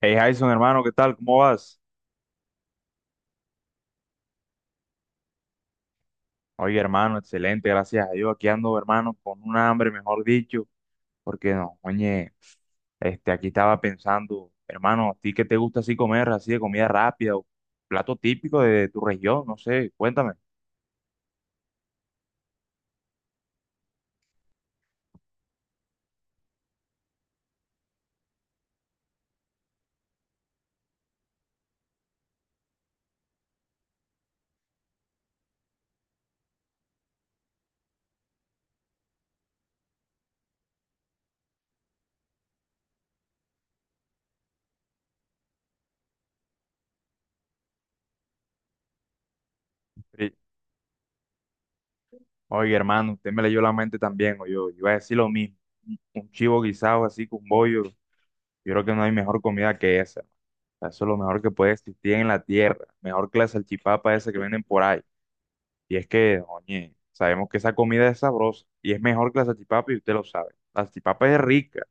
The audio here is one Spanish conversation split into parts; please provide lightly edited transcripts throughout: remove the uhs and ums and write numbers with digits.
Hey Jason, hermano, ¿qué tal? ¿Cómo vas? Oye, hermano, excelente, gracias a Dios. Aquí ando, hermano, con un hambre, mejor dicho, porque no, oye, aquí estaba pensando, hermano, ¿a ti qué te gusta así comer, así de comida rápida o plato típico de tu región? No sé, cuéntame. Pero, oye, hermano, usted me leyó la mente también, o yo iba a decir lo mismo. Un chivo guisado así con bollo, yo creo que no hay mejor comida que esa, hermano. Eso es lo mejor que puede existir en la tierra, mejor que la salchipapa esa que venden por ahí. Y es que, oye, sabemos que esa comida es sabrosa y es mejor que la salchipapa y usted lo sabe. La salchipapa es rica,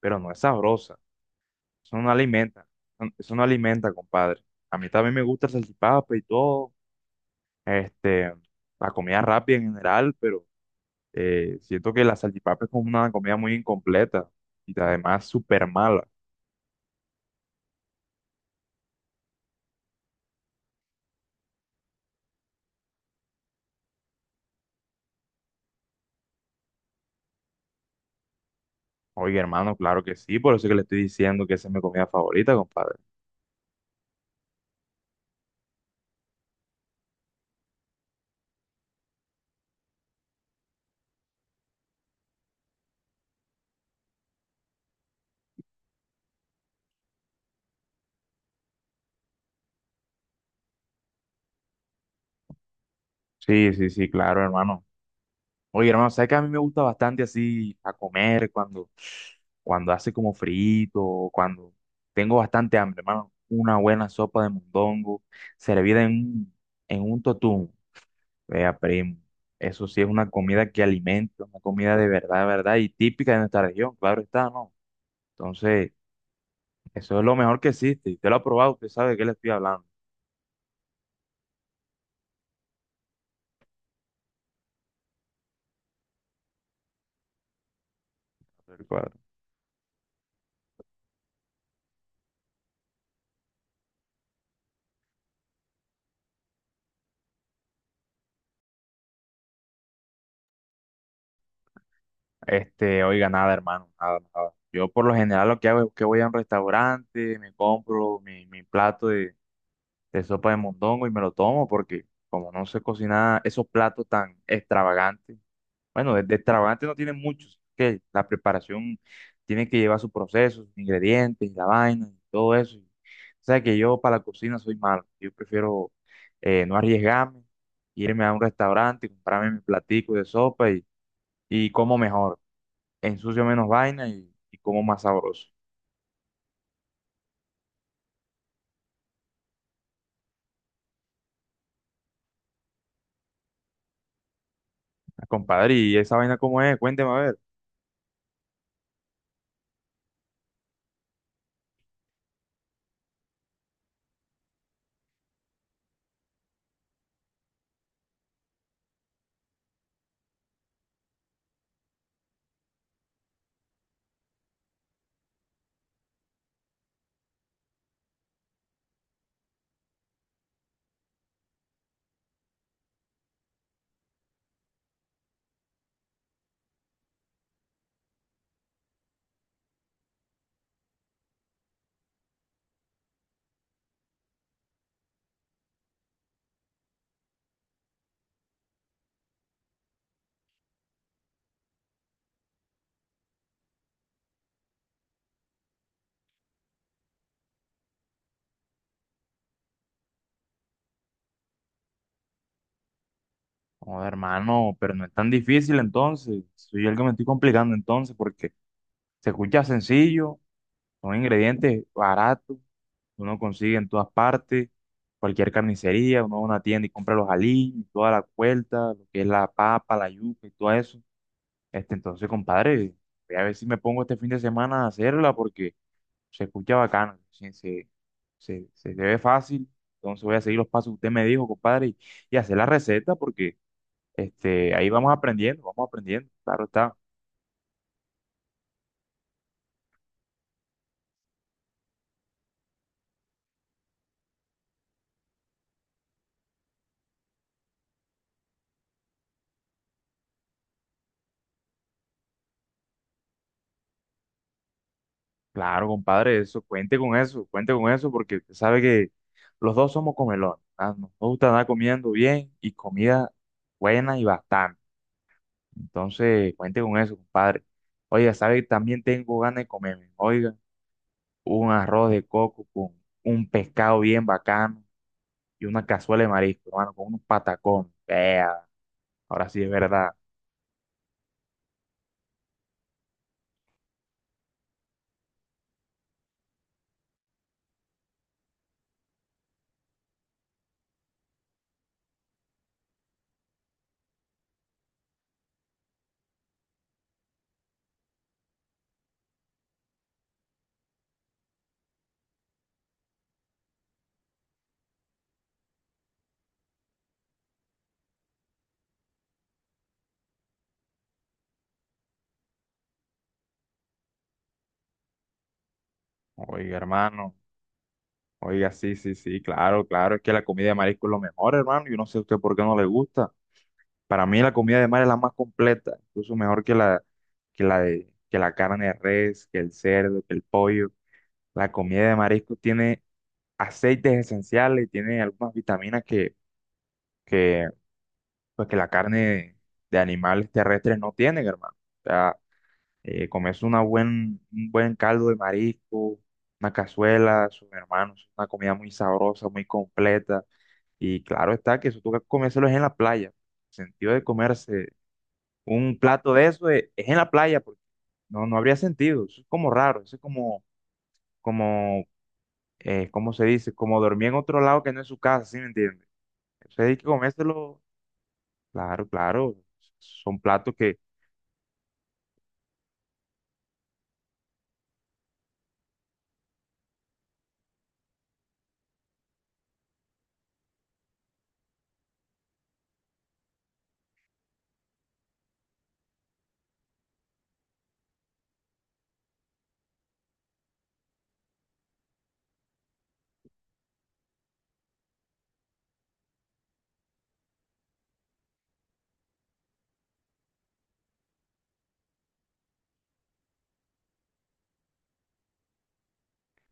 pero no es sabrosa. Eso no alimenta. No, eso no alimenta, compadre. A mí también me gusta la salchipapa y todo. Este, la comida rápida en general, pero siento que la salchipapa es como una comida muy incompleta y además súper mala. Oye, hermano, claro que sí, por eso es que le estoy diciendo que esa es mi comida favorita, compadre. Sí, sí, sí, claro, hermano. Oye, hermano, ¿sabes que a mí me gusta bastante así a comer cuando, cuando hace como frito, o cuando tengo bastante hambre, hermano? Una buena sopa de mondongo servida en un totum. Vea, primo. Eso sí es una comida que alimenta, una comida de verdad, y típica de nuestra región, claro está, ¿no? Entonces, eso es lo mejor que existe. Y usted lo ha probado, usted sabe de qué le estoy hablando. Oiga, nada, hermano, nada, nada. Yo por lo general lo que hago es que voy a un restaurante, me compro mi, mi plato de sopa de mondongo y me lo tomo porque como no sé cocinar esos platos tan extravagantes, bueno, de extravagantes no tienen muchos, que la preparación tiene que llevar su proceso, sus ingredientes, la vaina y todo eso. O sea que yo para la cocina soy malo, yo prefiero no arriesgarme, irme a un restaurante, comprarme mi platico de sopa y como mejor ensucio menos vaina y como más sabroso. Ah, compadre, ¿y esa vaina cómo es? Cuénteme a ver. Joder, hermano, pero no es tan difícil entonces. Soy yo el que me estoy complicando entonces porque se escucha sencillo, son ingredientes baratos, uno consigue en todas partes, cualquier carnicería, uno va a una tienda y compra los aliños, y toda la vuelta, lo que es la papa, la yuca y todo eso. Entonces, compadre, voy a ver si me pongo este fin de semana a hacerla porque se escucha bacano, se, se ve fácil, entonces voy a seguir los pasos que usted me dijo, compadre, y hacer la receta porque ahí vamos aprendiendo, claro está, claro, compadre, eso, cuente con eso, cuente con eso porque usted sabe que los dos somos comelones, ¿ah? Nos gusta andar comiendo bien y comida buena y bastante, entonces cuente con eso, compadre. Oiga, sabe que también tengo ganas de comerme, oiga, un arroz de coco con un pescado bien bacano y una cazuela de marisco, hermano, con unos patacones. Vea, ahora sí es verdad. Oiga, hermano. Oiga, sí, sí, sí, claro, claro. Es que la comida de marisco es lo mejor, hermano. Yo no sé a usted por qué no le gusta. Para mí la comida de mar es la más completa, incluso mejor que la de, que la carne de res, que el cerdo, que el pollo. La comida de marisco tiene aceites esenciales y tiene algunas vitaminas que, pues, que la carne de animales terrestres no tienen, hermano. O sea, comerse una buen, un buen caldo de marisco, una cazuela, sus hermanos, una comida muy sabrosa, muy completa. Y claro está que eso toca comérselo es en la playa. El sentido de comerse un plato de eso es en la playa, porque no, no habría sentido. Eso es como raro, eso es como, como ¿cómo se dice? Como dormir en otro lado que no es su casa, ¿sí me entiendes? Eso hay que comérselo, claro, claro. Son platos que,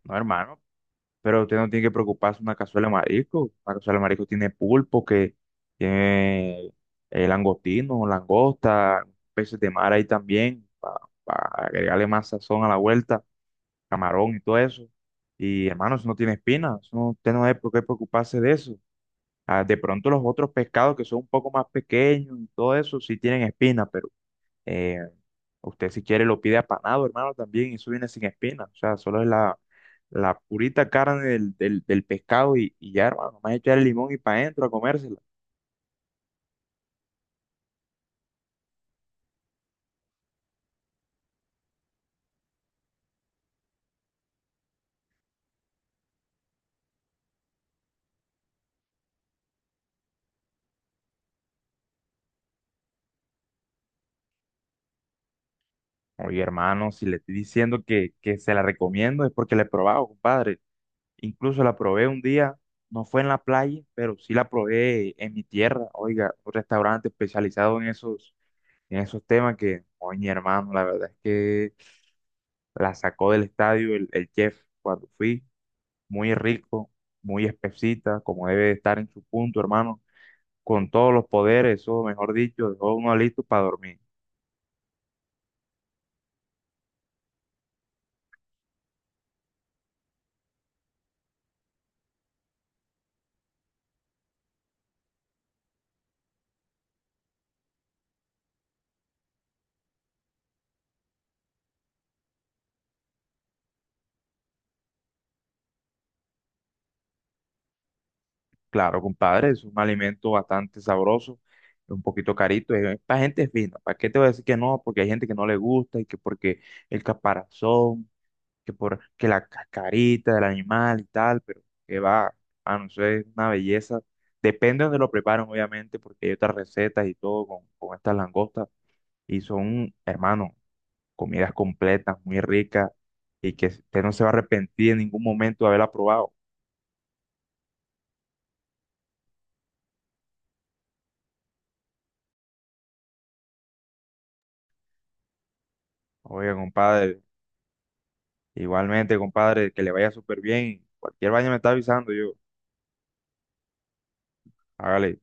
no, hermano. Pero usted no tiene que preocuparse una cazuela de marisco. Una cazuela de marisco tiene pulpo, que tiene langostino, langosta, peces de mar ahí también, para agregarle más sazón a la vuelta, camarón y todo eso. Y hermano, eso no tiene espinas, eso no- usted no hay por qué preocuparse de eso. Ah, de pronto los otros pescados que son un poco más pequeños y todo eso sí tienen espinas, pero eh, usted si quiere lo pide apanado, hermano, también, y eso viene sin espina. O sea, solo es la, la purita carne del, del, del pescado y ya, hermano, más echar el limón y para adentro a comérsela. Oye, hermano, si le estoy diciendo que se la recomiendo es porque la he probado, compadre. Incluso la probé un día, no fue en la playa, pero sí la probé en mi tierra, oiga, un restaurante especializado en esos temas que, oye, hermano, la verdad es que la sacó del estadio el chef cuando fui. Muy rico, muy espesita, como debe de estar en su punto, hermano, con todos los poderes, eso, mejor dicho, dejó uno listo para dormir. Claro, compadre, es un alimento bastante sabroso, un poquito carito, es para gente fina. ¿Para qué te voy a decir que no? Porque hay gente que no le gusta y que porque el caparazón, que por que la cascarita del animal y tal, pero que va, hermano, eso es una belleza. Depende de donde lo preparan, obviamente, porque hay otras recetas y todo con estas langostas. Y son, hermano, comidas completas, muy ricas, y que usted no se va a arrepentir en ningún momento de haberla probado. Oiga, compadre, igualmente, compadre, que le vaya súper bien. Cualquier vaina me está avisando yo. Hágale.